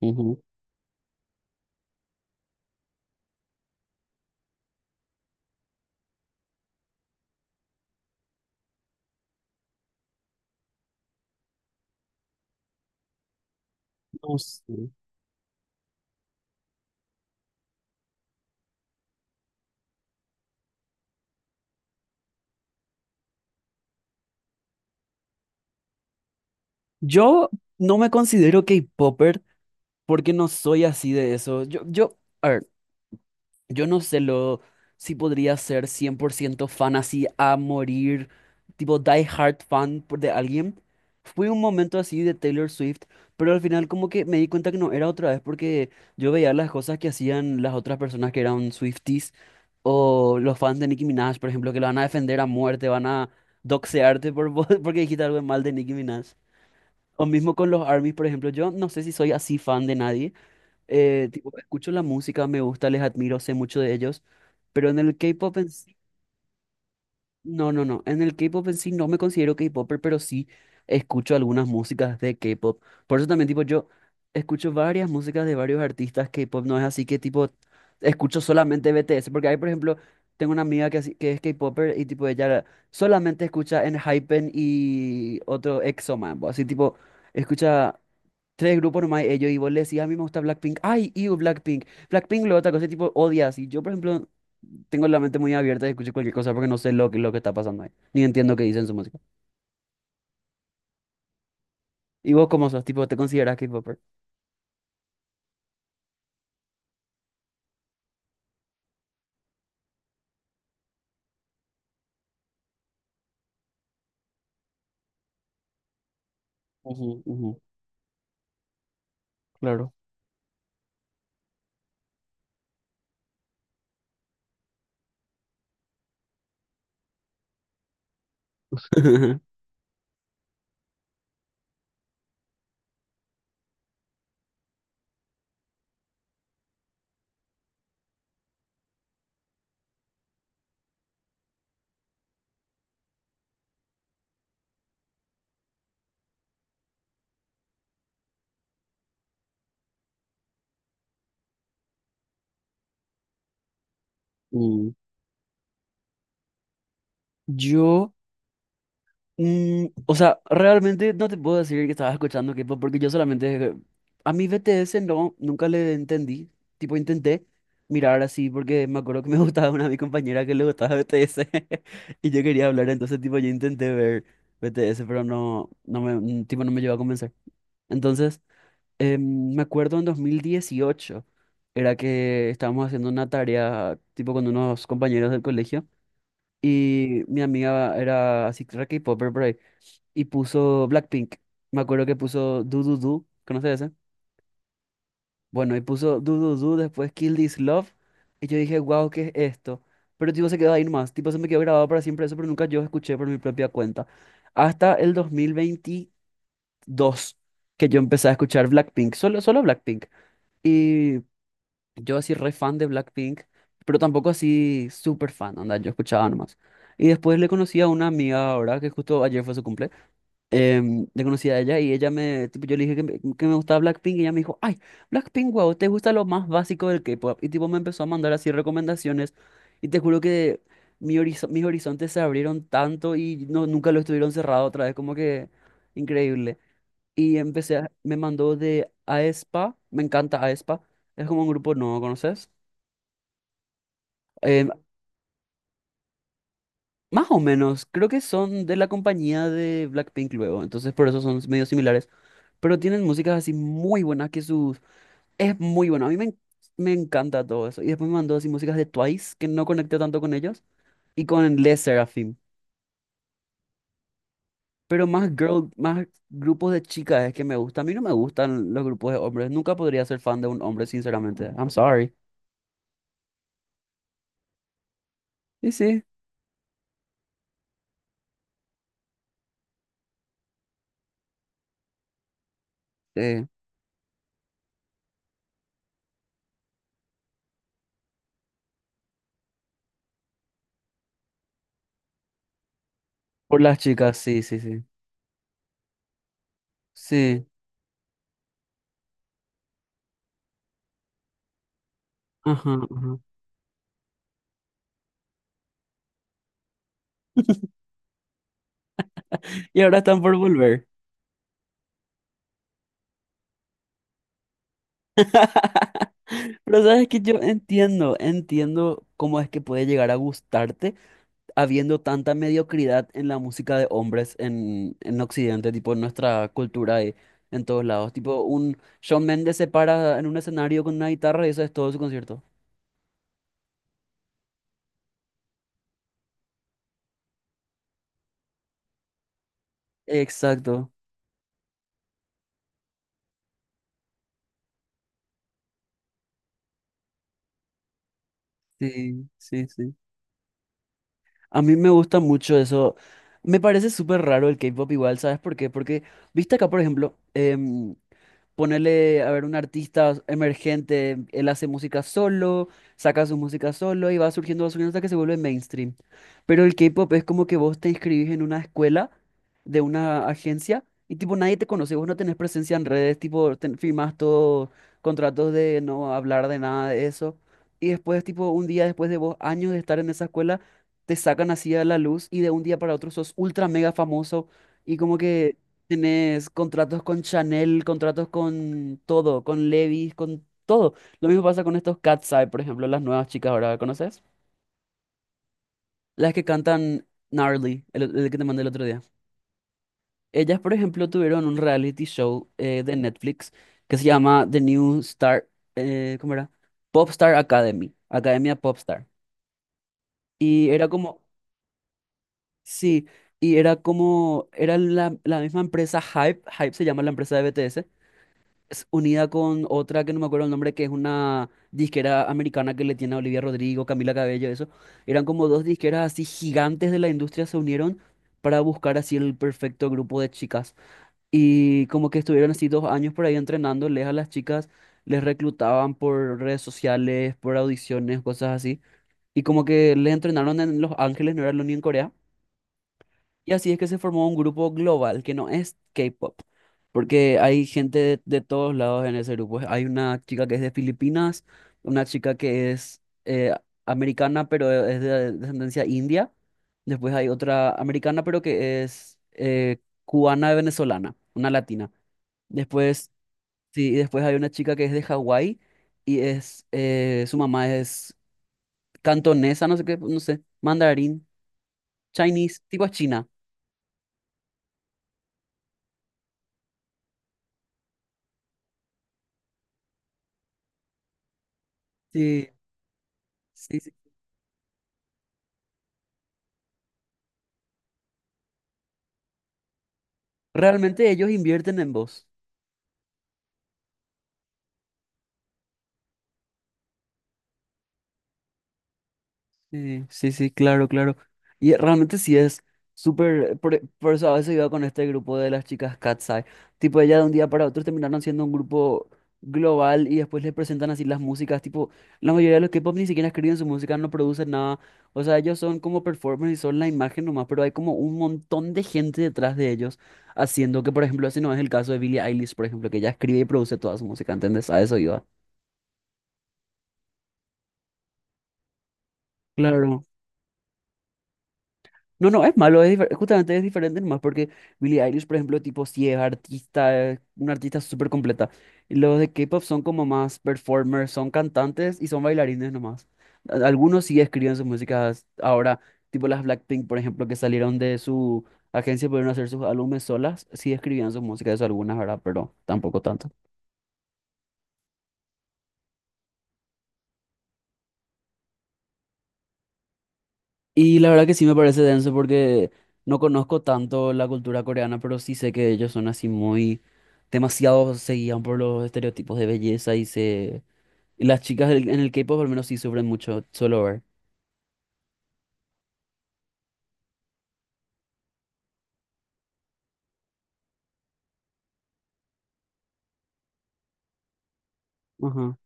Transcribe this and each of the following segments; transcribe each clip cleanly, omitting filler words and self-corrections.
Ujú. No sé. Yo no me considero K-popper porque no soy así de eso. Yo, a ver, yo no sé lo si podría ser 100% fan así a morir, tipo die hard fan de alguien. Fui un momento así de Taylor Swift, pero al final como que me di cuenta que no era otra vez porque yo veía las cosas que hacían las otras personas que eran Swifties o los fans de Nicki Minaj, por ejemplo, que lo van a defender a muerte, van a doxearte porque dijiste algo mal de Nicki Minaj. O mismo con los ARMYs, por ejemplo, yo no sé si soy así fan de nadie. Tipo, escucho la música, me gusta, les admiro, sé mucho de ellos. Pero en el K-pop en sí, no, no, no. En el K-pop en sí no me considero K-popper, pero sí escucho algunas músicas de K-pop. Por eso también, tipo, yo escucho varias músicas de varios artistas K-pop. No es así que, tipo, escucho solamente BTS. Porque hay, por ejemplo, tengo una amiga que, que es K-popper y, tipo, ella solamente escucha en Hypen y otro EXO, man. Así, tipo, escucha. Tres grupos nomás, ellos, y vos le decís, a mí me gusta Blackpink, ay, ew, Blackpink, Blackpink, lo otra cosa, tipo, odias, y yo, por ejemplo, tengo la mente muy abierta y escucho cualquier cosa porque no sé lo que está pasando ahí, ni entiendo qué dicen su música. ¿Y vos cómo sos? Tipo, ¿te consideras K-popper? Ujú, ujú, claro. Mm. Yo, o sea, realmente no te puedo decir que estaba escuchando K-pop porque yo solamente a mi BTS no, nunca le entendí. Tipo, intenté mirar así porque me acuerdo que me gustaba una de mis compañeras que le gustaba BTS y yo quería hablar, entonces tipo yo intenté ver BTS, pero no, no me, tipo no me llevó a convencer. Entonces, me acuerdo en 2018 era que estábamos haciendo una tarea tipo con unos compañeros del colegio. Y mi amiga era así, re K-popper por ahí. Y puso Blackpink. Me acuerdo que puso Do Do Do. ¿Conoces ese? Bueno, y puso Do Do Do, después Kill This Love. Y yo dije, wow, ¿qué es esto? Pero tipo se quedó ahí nomás. Tipo se me quedó grabado para siempre eso, pero nunca yo escuché por mi propia cuenta. Hasta el 2022 que yo empecé a escuchar Blackpink. Solo, solo Blackpink. Y yo así re fan de Blackpink, pero tampoco así súper fan, anda, yo escuchaba nomás. Y después le conocí a una amiga ahora, que justo ayer fue su cumple. Le conocí a ella y ella me, tipo, yo le dije que me gustaba Blackpink y ella me dijo, ay, Blackpink, wow, te gusta lo más básico del K-pop. Y tipo me empezó a mandar así recomendaciones y te juro que mi mis horizontes se abrieron tanto y no, nunca lo estuvieron cerrado otra vez, como que increíble. Y empecé, me mandó de aespa, me encanta aespa, es como un grupo nuevo, ¿conoces? Eh, más o menos, creo que son de la compañía de Blackpink luego, entonces por eso son medio similares, pero tienen músicas así muy buenas que sus. Es muy bueno, a mí me, me encanta todo eso. Y después me mandó así músicas de Twice, que no conecté tanto con ellos, y con Les Seraphim. Pero más girl, más grupos de chicas es que me gusta. A mí no me gustan los grupos de hombres, nunca podría ser fan de un hombre, sinceramente. I'm sorry. Y sí, sí. eh, Por las chicas, sí, sí, sí. Sí. Ajá, ajá. Y ahora están por volver. Pero sabes que yo entiendo, entiendo cómo es que puede llegar a gustarte habiendo tanta mediocridad en la música de hombres en Occidente, tipo en nuestra cultura y en todos lados. Tipo, un Shawn Mendes se para en un escenario con una guitarra y eso es todo su concierto. Exacto, sí, sí, sí. A mí me gusta mucho eso. Me parece súper raro el K-pop igual, ¿sabes por qué? Porque, viste acá, por ejemplo, ponerle a ver, un artista emergente, él hace música solo, saca su música solo y va surgiendo hasta que se vuelve mainstream. Pero el K-pop es como que vos te inscribís en una escuela de una agencia y tipo nadie te conoce, vos no tenés presencia en redes, tipo firmás todos contratos de no hablar de nada de eso. Y después, tipo, un día después de vos, años de estar en esa escuela, te sacan así a la luz y de un día para otro sos ultra mega famoso y como que tenés contratos con Chanel, contratos con todo, con Levi's, con todo. Lo mismo pasa con estos Cat's Eye, por ejemplo, las nuevas chicas ahora, ¿conoces? Las que cantan Gnarly, el que te mandé el otro día. Ellas, por ejemplo, tuvieron un reality show de Netflix que se llama The New Star, ¿cómo era? Popstar Academy, Academia Popstar. Y era como, sí, y era como, era la misma empresa Hype se llama la empresa de BTS, es unida con otra que no me acuerdo el nombre, que es una disquera americana que le tiene a Olivia Rodrigo, Camila Cabello, eso. Eran como dos disqueras así gigantes de la industria se unieron para buscar así el perfecto grupo de chicas. Y como que estuvieron así 2 años por ahí entrenándoles a las chicas, les reclutaban por redes sociales, por audiciones, cosas así. Y como que les entrenaron en Los Ángeles, no era lo ni en Corea. Y así es que se formó un grupo global que no es K-pop, porque hay gente de todos lados en ese grupo. Hay una chica que es de Filipinas, una chica que es americana, pero es de descendencia india. Después hay otra americana, pero que es cubana venezolana, una latina. Después, sí, y después hay una chica que es de Hawái y es, su mamá es cantonesa, no sé qué, no sé, mandarín, Chinese, tipo China. Sí, sí, sí. Realmente ellos invierten en vos. Sí, sí, sí, claro, claro. Y realmente sí es súper. Por eso a veces iba con este grupo de las chicas Katseye. Tipo, ellas de un día para otro terminaron siendo un grupo global y después les presentan así las músicas. Tipo, la mayoría de los K-pop ni siquiera escriben su música, no producen nada. O sea, ellos son como performers y son la imagen nomás, pero hay como un montón de gente detrás de ellos haciendo que, por ejemplo, ese no es el caso de Billie Eilish, por ejemplo, que ella escribe y produce toda su música, ¿entendés? A eso iba. Claro. No, no, es malo, es justamente es diferente nomás porque Billie Eilish, por ejemplo, tipo, sí es artista, es una artista súper completa. Los de K-pop son como más performers, son cantantes y son bailarines nomás. Algunos sí escriben sus músicas ahora, tipo las Blackpink, por ejemplo, que salieron de su agencia, pudieron hacer sus álbumes solas, sí escribían sus músicas, eso algunas, ¿verdad? Pero tampoco tanto. Y la verdad que sí me parece denso porque no conozco tanto la cultura coreana, pero sí sé que ellos son así muy demasiado se guían por los estereotipos de belleza y se. Y las chicas en el K-pop al menos sí sufren mucho, solo ver. Ajá.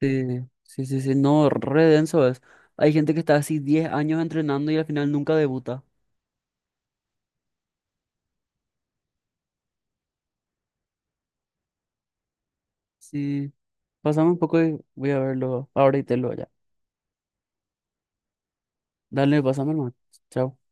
Sí, sí, sí, sí, no, re denso es. Hay gente que está así 10 años entrenando y al final nunca debuta. Sí, pasame un poco y voy a verlo ahora y te lo ya. Dale, pasame, hermano. Chao.